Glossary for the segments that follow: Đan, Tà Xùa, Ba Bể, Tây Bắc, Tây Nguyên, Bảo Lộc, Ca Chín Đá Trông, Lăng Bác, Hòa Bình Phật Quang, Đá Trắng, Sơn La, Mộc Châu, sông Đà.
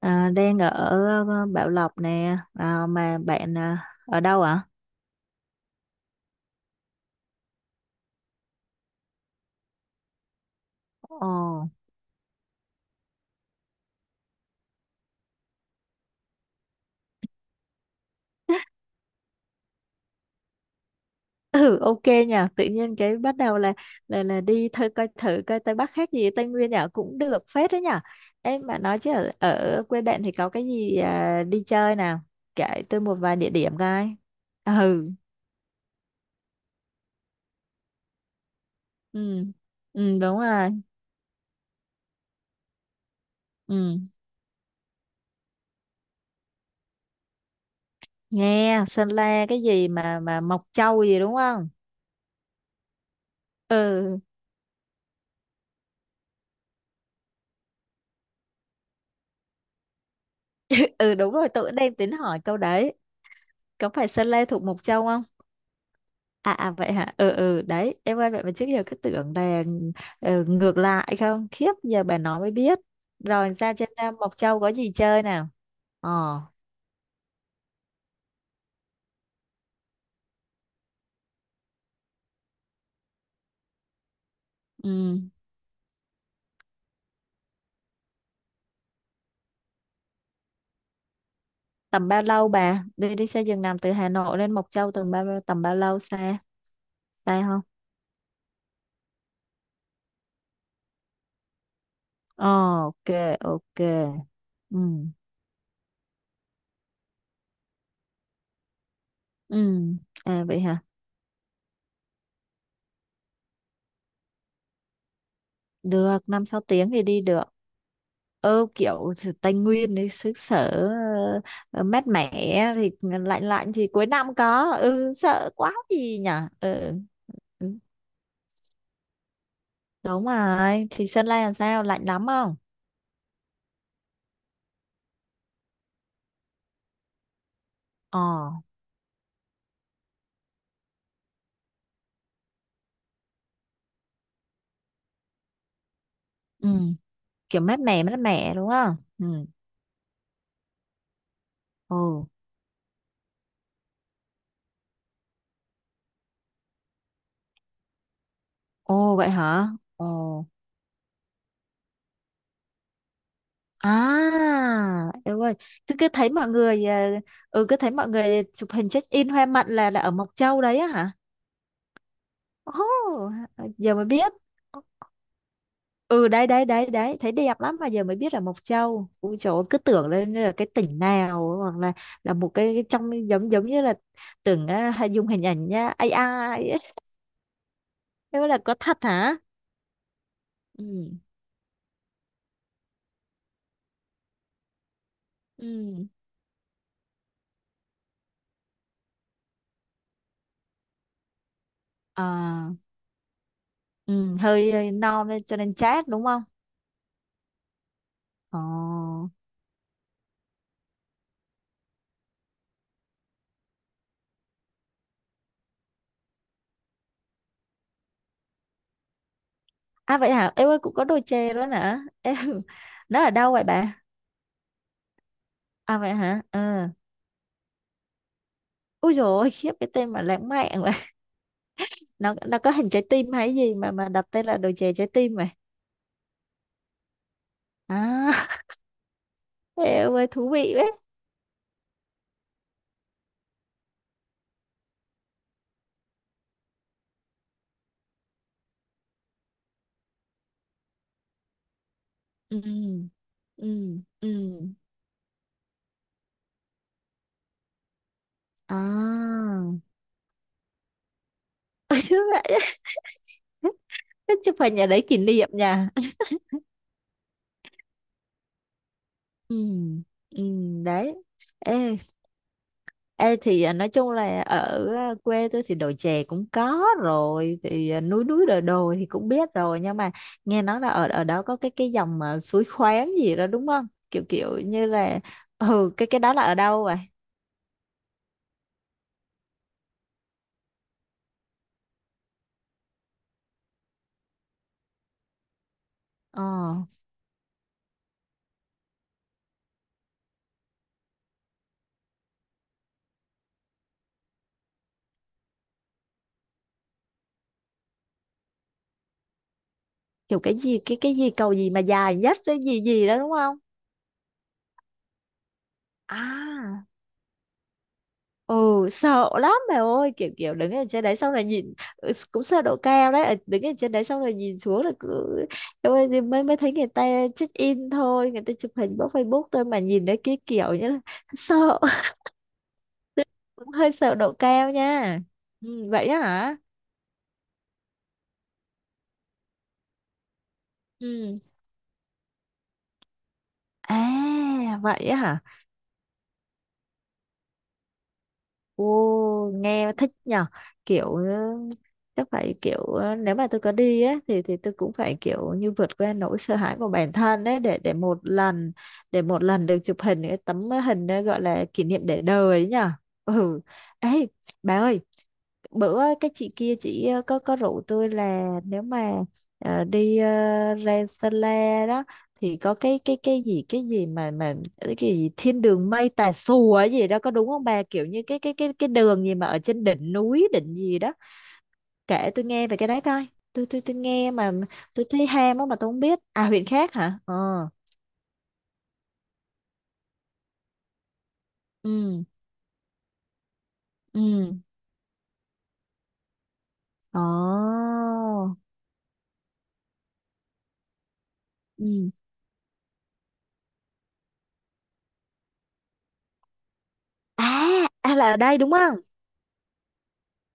À, đang ở Bảo Lộc nè, à, mà bạn, à, ở đâu ạ? Ồ, ừ, ok nha. Tự nhiên cái bắt đầu là là đi thử coi, thử coi Tây Bắc khác gì Tây Nguyên nhở, cũng được phết đấy nhở. Em mà nói chứ ở quê bạn thì có cái gì à, đi chơi nào? Kể tôi một vài địa điểm coi. Ừ, ừ, ừ đúng rồi. Ừ, nghe Sơn La cái gì mà Mộc Châu gì đúng không? Ừ, ừ đúng rồi. Tôi cũng đang tính hỏi câu đấy. Có phải Sơn La thuộc Mộc Châu không? À, à vậy hả, ừ ừ, đấy em ơi, vậy mà trước giờ cứ tưởng là ừ, ngược lại. Không, khiếp, giờ bà nói mới biết. Rồi ra trên à, Mộc Châu có gì chơi nào? Ờ, ừ. Tầm bao lâu bà đi, đi xe giường nằm từ Hà Nội lên Mộc Châu tầm bao, tầm bao lâu xe, xe không? Ờ, ok, ok, ừ, ừ, à vậy hả. Được, năm sáu tiếng thì đi được. Ừ, kiểu sự Tây Nguyên đấy, xứ sở ờ, mát mẻ thì lạnh, lạnh thì cuối năm có ừ, sợ quá gì nhỉ. Ừ. Ừ, đúng rồi, thì Sơn La làm sao, lạnh lắm không? Ờ, ừ. Kiểu mát mẻ, mát mẻ đúng không? Ừ, ồ. Ồ vậy hả. Ồ, à yêu ơi, cứ cứ thấy mọi người ờ, ừ cứ thấy mọi người chụp hình check in hoa mận là ở Mộc Châu đấy á hả. Oh, giờ mới biết. Ừ, đấy đấy đấy đấy, thấy đẹp lắm mà giờ mới biết là Mộc Châu. Ui trời ơi, cứ tưởng lên là cái tỉnh nào hoặc là một cái trong giống giống như là tưởng à, hay dùng hình ảnh nhá AI ấy. Thế là có thật hả? Ừ, ừ, à ừ. Hơi, hơi non nên cho nên chát đúng không? Ồ, à vậy hả em ơi, cũng có đôi chè đó hả em. Nó ở đâu vậy bà? À vậy hả, ừ. Ui, rồi khiếp, cái tên mà lãng mạn. Nó có hình trái tim hay gì mà đặt tên là đồ chè trái tim mà? À, em ơi thú vị đấy. Ừ, ừ, ừ, à. Ôi, chứ vậy á. Cái chụp hình ở đấy kỷ niệm nha. Ừ, ừ, đấy. Ê, ê thì à, nói chung là ở à, quê tôi thì đồi chè cũng có rồi, thì à, núi núi đồi đồi thì cũng biết rồi nhưng mà nghe nói là ở ở đó có cái dòng mà suối khoáng gì đó đúng không, kiểu kiểu như là. Ừ, cái đó là ở đâu vậy? Ờ, kiểu cái gì, cái gì cầu gì mà dài nhất cái gì gì đó đúng không? À, ừ. Sợ lắm mẹ ơi, kiểu kiểu đứng ở trên đấy xong rồi nhìn ừ, cũng sợ độ cao đấy. Ờ, đứng ở trên đấy xong rồi nhìn xuống là cứ. Em ơi, thì mới, mới thấy người ta check in thôi, người ta chụp hình bóc Facebook thôi mà nhìn đấy cái kiểu như là sợ. Cũng hơi sợ độ cao nha. Ừ, vậy á hả. Ừ, à vậy á hả. Ồ, nghe thích nhở. Kiểu ừ, chắc phải kiểu ừ, nếu mà tôi có đi á thì tôi cũng phải kiểu như vượt qua nỗi sợ hãi của bản thân đấy, để để một lần được chụp hình cái tấm hình đó gọi là kỷ niệm để đời ấy nhở. Ừ, ấy. Bà ơi, bữa cái chị kia, chị ờ, có rủ tôi là nếu mà ờ, đi ờ, ra Sơn La đó, thì có cái cái gì, cái gì mà cái gì thiên đường mây Tà Xùa ấy gì đó, có đúng không bà, kiểu như cái cái đường gì mà ở trên đỉnh núi đỉnh gì đó. Kể tôi nghe về cái đấy coi. Tôi tôi nghe mà tôi thấy ham á mà tôi không biết. À huyện khác hả, ờ, ừ ừ, ồ, ừ, à, à là ở đây đúng không?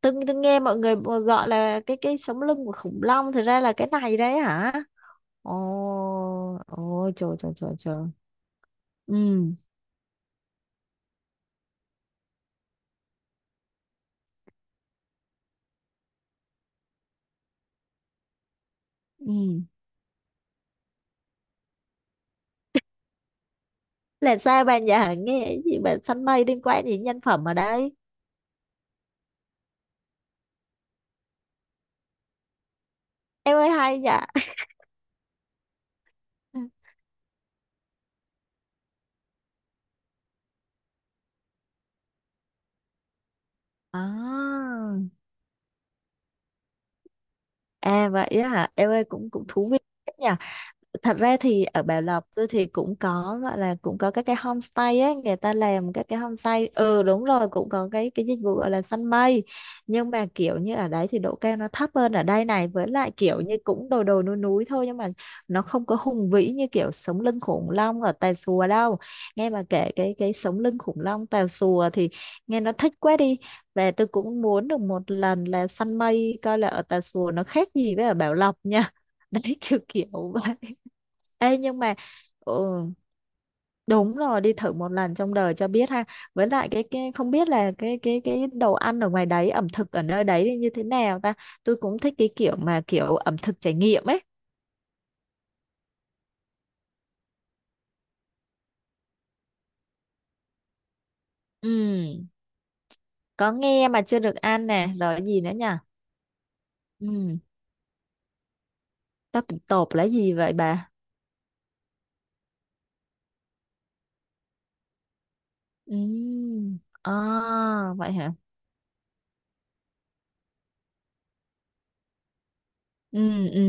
Tôi nghe mọi người gọi là cái sống lưng của khủng long, thực ra là cái này đấy hả? Ồ, ôi trời trời trời trời. Ừ, ừ, là sao bạn, dạ nghe cái gì bạn, săn mây liên quan gì đến nhân phẩm ở đây? Em ơi, hay dạ. À, à vậy á hả em ơi, cũng cũng thú vị nhỉ. Thật ra thì ở Bảo Lộc tôi thì cũng có, gọi là cũng có các cái homestay ấy, người ta làm các cái homestay, ừ đúng rồi, cũng có cái dịch vụ gọi là săn mây. Nhưng mà kiểu như ở đấy thì độ cao nó thấp hơn ở đây này, với lại kiểu như cũng đồi đồi núi núi thôi, nhưng mà nó không có hùng vĩ như kiểu sống lưng khủng long ở Tà Xùa đâu. Nghe bà kể cái sống lưng khủng long Tà Xùa thì nghe nó thích quá đi. Và tôi cũng muốn được một lần là săn mây coi là ở Tà Xùa nó khác gì với ở Bảo Lộc nha. Đấy, kiểu kiểu vậy. Ê nhưng mà ừ, đúng rồi, đi thử một lần trong đời cho biết ha. Với lại cái không biết là cái đồ ăn ở ngoài đấy, ẩm thực ở nơi đấy thì như thế nào ta. Tôi cũng thích cái kiểu mà kiểu ẩm thực trải nghiệm ấy. Ừ, có nghe mà chưa được ăn nè, rồi cái gì nữa nhỉ? Ừ, tóc tộp là gì vậy bà? Ừ. À, vậy hả? Ừ, ừ,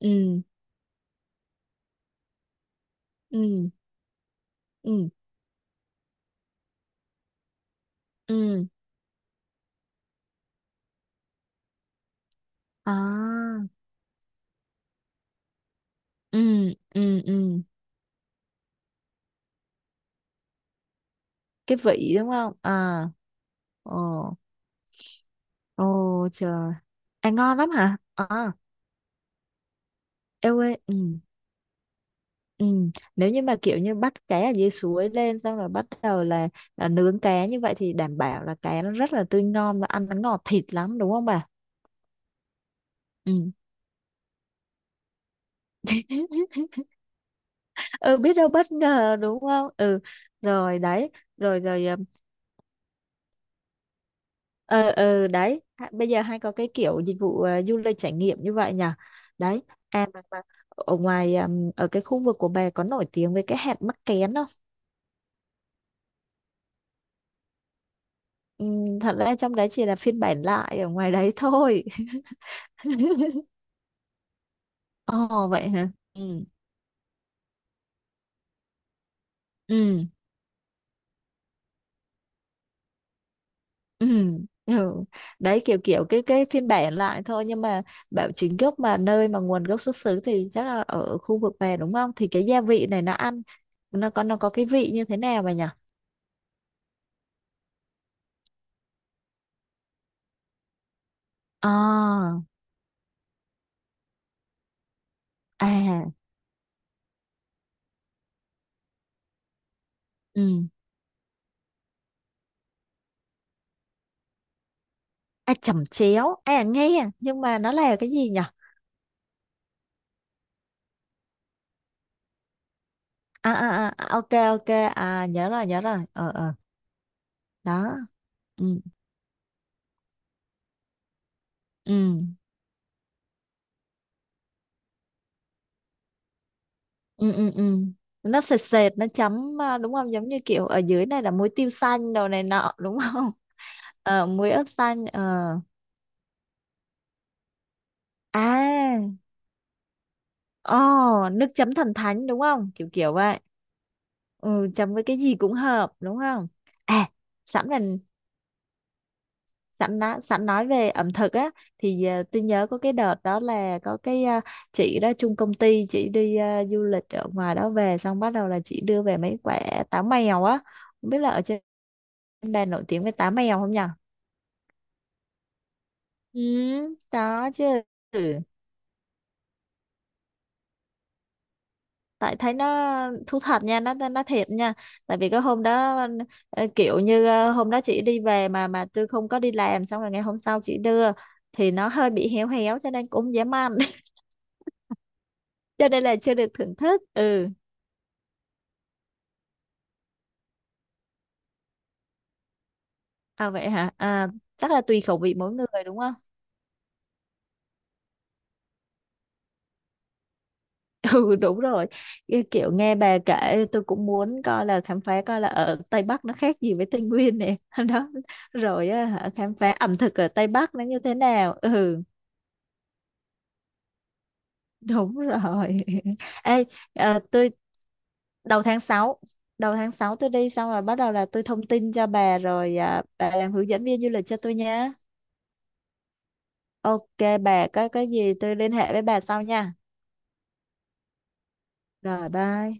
ừ, ừ, ừ, ừ. À. Ừ, ừ, ừ. Cái vị đúng không? À. Ồ. Ồ trời. À, ngon lắm hả? À, eo ơi, ừ, ừ. Nếu như mà kiểu như bắt cá ở dưới suối lên xong rồi bắt đầu là nướng cá như vậy thì đảm bảo là cá nó rất là tươi ngon và ăn nó ngọt thịt lắm đúng không bà? Ừ. Ừ, biết đâu bất ngờ đúng không? Ừ. Rồi đấy, rồi rồi, ờ, ờ, ờ, đấy. Ha- bây giờ hay có cái kiểu dịch vụ ờ, du lịch trải nghiệm như vậy nhỉ? Đấy. À mà ở ngoài ở cái khu vực của bà có nổi tiếng với cái hạt mắc kén không? Ừ, thật ra trong đấy chỉ là phiên bản lại ở ngoài đấy thôi. Ồ vậy hả? Ừ. Ừ. Ừ. Ừ. Đấy, kiểu kiểu cái phiên bản lại thôi, nhưng mà bảo chính gốc mà nơi mà nguồn gốc xuất xứ thì chắc là ở khu vực về đúng không? Thì cái gia vị này nó ăn, nó có, nó có cái vị như thế nào vậy nhỉ? À, à, ừ. À, chẩm chéo. À nghe, nhưng mà nó là cái gì nhỉ? À, à, à, à, ok, ok, à nhớ rồi, nhớ rồi. Ờ ờ. Đó. Ừ, ừ. Ừ, ừ, ừ. Nó sệt sệt, nó chấm à, đúng không, giống như kiểu ở dưới này là muối tiêu xanh đồ này nọ đúng không? Ờ, muối ớt xanh, ờ, à. Oh, nước chấm thần thánh đúng không, kiểu kiểu vậy. Ừ, chấm với cái gì cũng hợp đúng không? À, sẵn mình, sẵn đã, sẵn nói về ẩm thực á, thì à, tôi nhớ có cái đợt đó là có cái à, chị đó chung công ty, chị đi à, du lịch ở ngoài đó về xong bắt đầu là chị đưa về mấy quả táo mèo á. Không biết là ở trên Đan nổi tiếng với tám mèo không nhở? Ừ, có chứ. Ừ. Tại thấy nó, thú thật nha, nó thiệt nha. Tại vì cái hôm đó ờ, kiểu như ờ, hôm đó chị đi về mà tôi không có đi làm, xong rồi ngày hôm sau chị đưa thì nó hơi bị héo héo cho nên cũng không dám ăn. Cho nên là chưa được thưởng thức. Ừ. À vậy hả? À, chắc là tùy khẩu vị mỗi người đúng không? Ừ, đúng rồi. Cái kiểu nghe bà kể tôi cũng muốn coi là khám phá coi là ở Tây Bắc nó khác gì với Tây Nguyên này. Đó rồi á, hả, khám phá ẩm thực ở Tây Bắc nó như thế nào. Ừ, đúng rồi. Ê, ờ, tôi đầu tháng 6 đầu tháng 6 tôi đi, xong rồi bắt đầu là tôi thông tin cho bà, rồi à, bà làm hướng dẫn viên du lịch cho tôi nha. Ok, bà có cái gì tôi liên hệ với bà sau nha. Rồi, bye.